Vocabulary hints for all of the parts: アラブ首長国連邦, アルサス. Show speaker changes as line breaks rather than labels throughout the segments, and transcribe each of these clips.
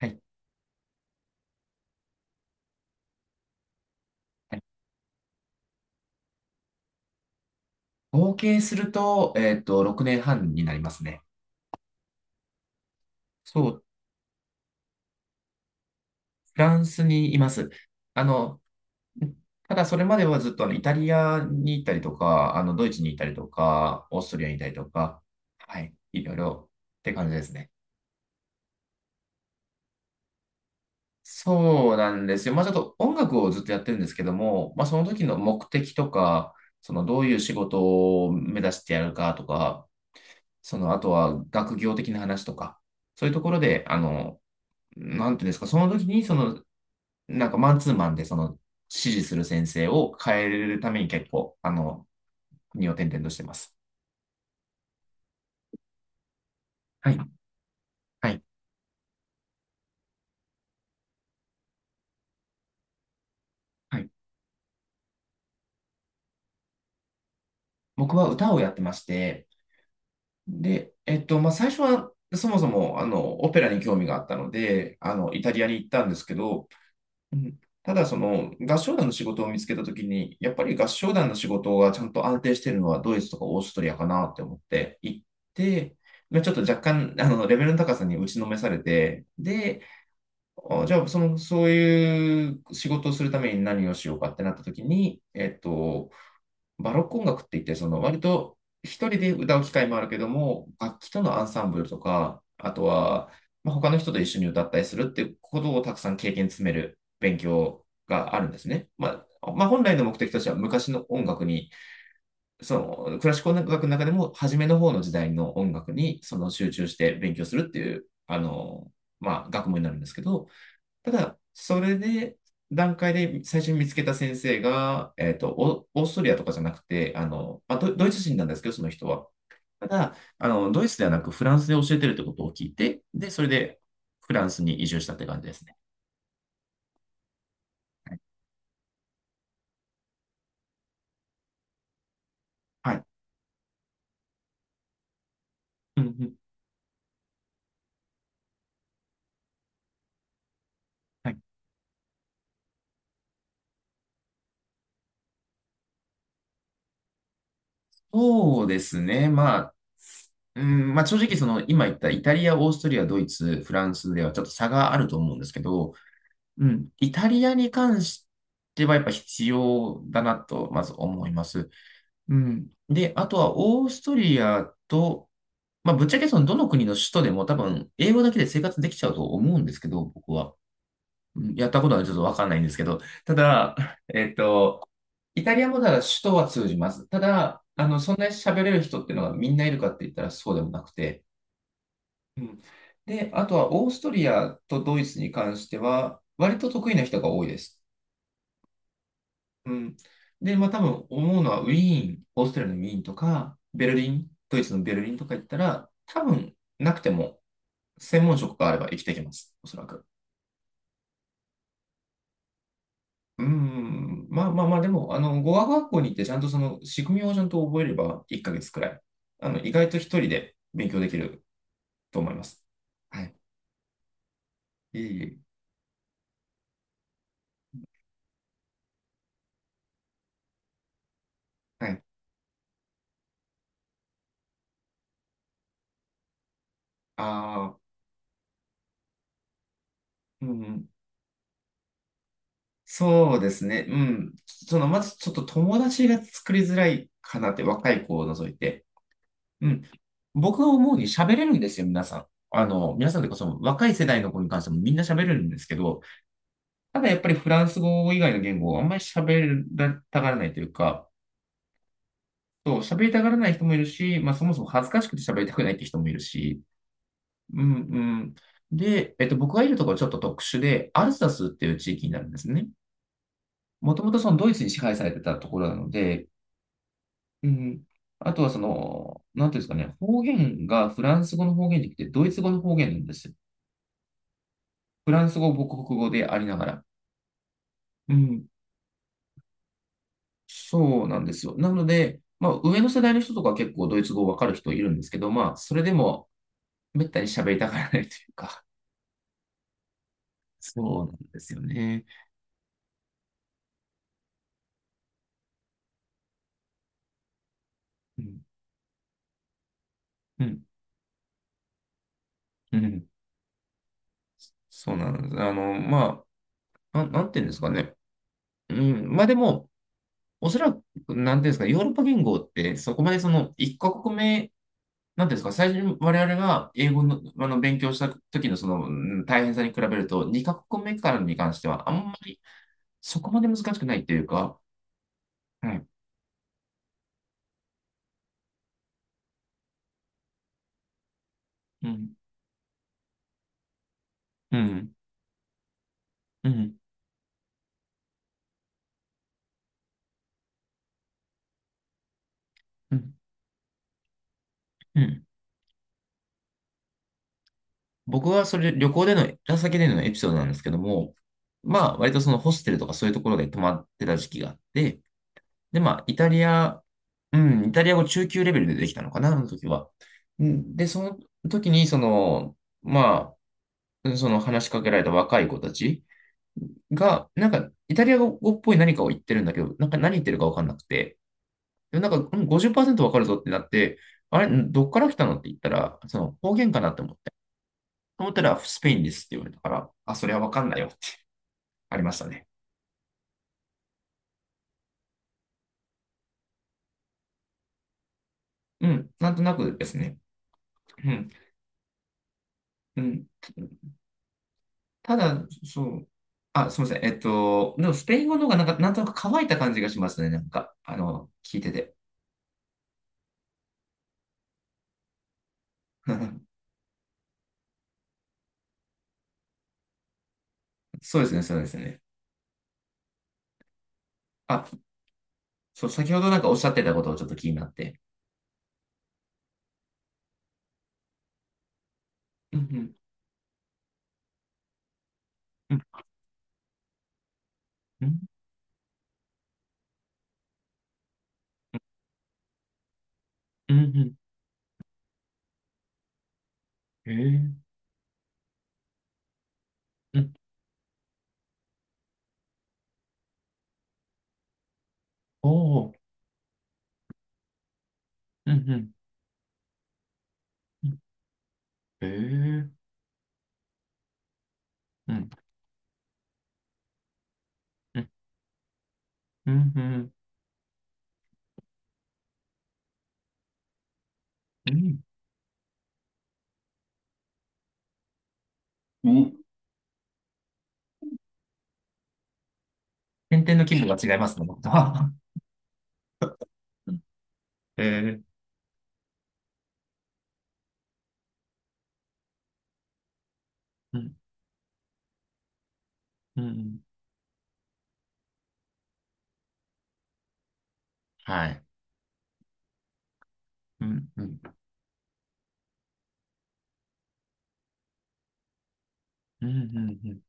はい。はい。合計すると、6年半になりますね。そう、フランスにいます。あの、ただそれまではずっとイタリアに行ったりとか、ドイツに行ったりとか、オーストリアに行ったりとか、はい、いろいろって感じですね。そうなんですよ。まあちょっと音楽をずっとやってるんですけども、まあその時の目的とか、そのどういう仕事を目指してやるかとか、そのあとは学業的な話とか、そういうところで、あの、なんていうんですか、その時に、なんかマンツーマンで、指示する先生を変えるために結構、国を転々としてます。はい。はい。はい。僕は歌をやってまして、で、まあ、最初は、そもそも、オペラに興味があったので、イタリアに行ったんですけど、うん。ただ、その合唱団の仕事を見つけたときに、やっぱり合唱団の仕事がちゃんと安定しているのはドイツとかオーストリアかなって思って行って、まあちょっと若干レベルの高さに打ちのめされて、で、あじゃあその、そういう仕事をするために何をしようかってなったときに、バロック音楽って言って、その割と一人で歌う機会もあるけども、楽器とのアンサンブルとか、あとは、まあ、他の人と一緒に歌ったりするっていうことをたくさん経験詰める勉強があるんですね。まあ、本来の目的としては昔の音楽に、そのクラシック音楽の中でも初めの方の時代の音楽にその集中して勉強するっていう、まあ、学問になるんですけど、ただ、それで、段階で最初に見つけた先生が、オオーストリアとかじゃなくて、あの、まあ、ドイツ人なんですけど、その人は。ただ、ドイツではなくフランスで教えてるってことを聞いて、で、それでフランスに移住したって感じですね。はい。はい。うん。はい。そうですね。まあ、うん、まあ正直その今言ったイタリア、オーストリア、ドイツ、フランスではちょっと差があると思うんですけど、うん、イタリアに関してはやっぱ必要だなとまず思います。うん。で、あとはオーストリアと、まあ、ぶっちゃけそのどの国の首都でも多分英語だけで生活できちゃうと思うんですけど、僕は。うん、やったことはちょっとわかんないんですけど、ただ、えっと、イタリアもただ首都は通じます。ただ、そんなに喋れる人っていうのがみんないるかって言ったらそうでもなくて。うん。で、あとはオーストリアとドイツに関しては、割と得意な人が多いです。うん。で、まあ多分思うのはウィーン、オーストラリアのウィーンとか、ベルリン、ドイツのベルリンとか行ったら、多分なくても専門職があれば生きていけます、おそらく。うん、まあ、でも、語学学校に行ってちゃんとその仕組みをちゃんと覚えれば1ヶ月くらい、意外と一人で勉強できると思います。はい。いえいえ。はい。ああ、うん。そうですね。うん。その、まずちょっと友達が作りづらいかなって、若い子を除いて。うん。僕が思うに喋れるんですよ、皆さん。皆さんというかその若い世代の子に関してもみんな喋れるんですけど、ただやっぱりフランス語以外の言語をあんまり喋りたがらないというか、そう、喋りたがらない人もいるし、まあそもそも恥ずかしくて喋りたくないって人もいるし、うん。で、僕がいるところはちょっと特殊で、アルサスっていう地域になるんですね。もともとそのドイツに支配されてたところなので、うん。あとはその、なんていうんですかね、方言がフランス語の方言じゃなくてドイツ語の方言なんですよ。フランス語、母国語でありながら。うん。そうなんですよ。なので、まあ、上の世代の人とかは結構ドイツ語わかる人いるんですけど、まあ、それでも、めったに喋りたがらないというか、そうなんですよね。うん、うん、うん。そうなんです。なんていうんですかね。うん、まあでも、おそらく、なんていうんですか、ヨーロッパ言語って、そこまでその、一カ国目、なんていうんですか、最初に我々が英語の、勉強した時のその、うん、大変さに比べると、二カ国目からに関しては、あんまりそこまで難しくないっていうか、はい。うん。うん。うん。うん。うん、僕はそれ旅行での、ラ先でのエピソードなんですけども、まあ割とそのホステルとかそういうところで泊まってた時期があって、で、イタリア語中級レベルでできたのかな、あの時は。うん。で、その時にその、まあ、その話しかけられた若い子たちが、なんかイタリア語っぽい何かを言ってるんだけど、なんか何言ってるかわかんなくて、で、なんか、うん、50%わかるぞってなって、あれ、んどっから来たのって言ったら、その方言かなって思って。と思ったら、スペインですって言われたから、あ、それはわかんないよってありましたね。うん、なんとなくですね。うん、うん。ただ、そう、あ、すみません。でもスペイン語の方がなんか、なんとなく乾いた感じがしますね。なんか、聞いてて。そうですね。あ、そう、先ほどなんかおっしゃってたことをちょっと気になって。うん、うん、うん、うん、うん、へえ、うん、おお、うん、うん。ええー、うん、うん、うん、うん、うん。うん。点々の規模が違いますね、僕とは。ええ、うん、うん、はい。うん、うん、うん、うん、うん。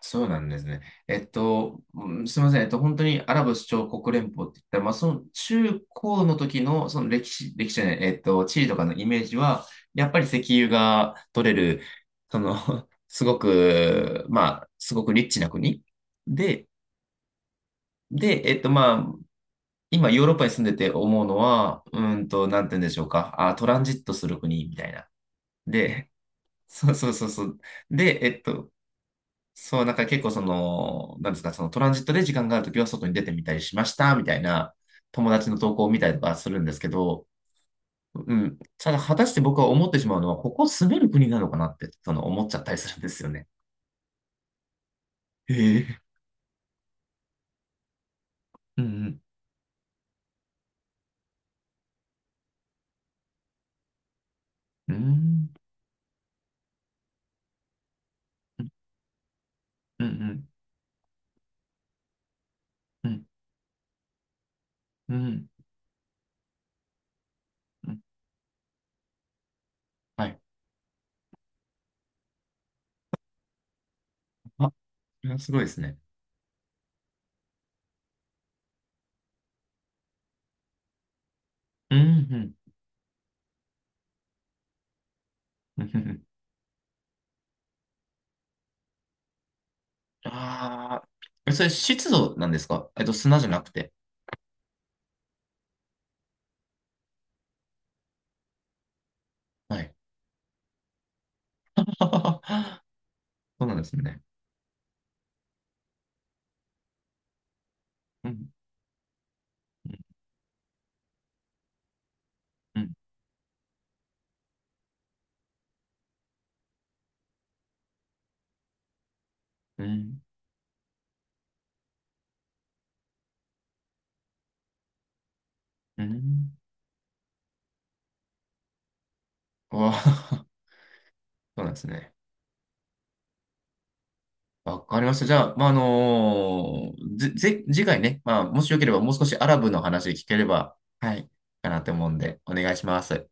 そうなんですね。すみません。本当にアラブ首長国連邦って言ったら、まあ、その中高の時の、その歴史、歴史じゃない、えっと、地理とかのイメージは、やっぱり石油が取れる、その、すごくリッチな国で、で、まあ、今、ヨーロッパに住んでて思うのは、うーんと、なんて言うんでしょうか。あ、トランジットする国みたいな。で、そうそうそうそう。で、そう、なんか結構その、なんですか、そのトランジットで時間があるときは外に出てみたりしました、みたいな友達の投稿を見たりとかするんですけど、うん。ただ、果たして僕は思ってしまうのは、ここ住める国なのかなって、その思っちゃったりするんですよね。へえ。うん。うん。うーん。うん。うん。うん。うん。うん。はい。あ、それはすごいですね。うん。うん。ああ、え、それ湿度なんですか、えっと、砂じゃなくて。はい。そうなんですね。うん、うん、うん、うん。わあ、そうなんですね。わかりました。じゃあ、まあ、あのー、次回ね、まあ、もしよければもう少しアラブの話聞ければ、はい、かなと思うんで、お願いします。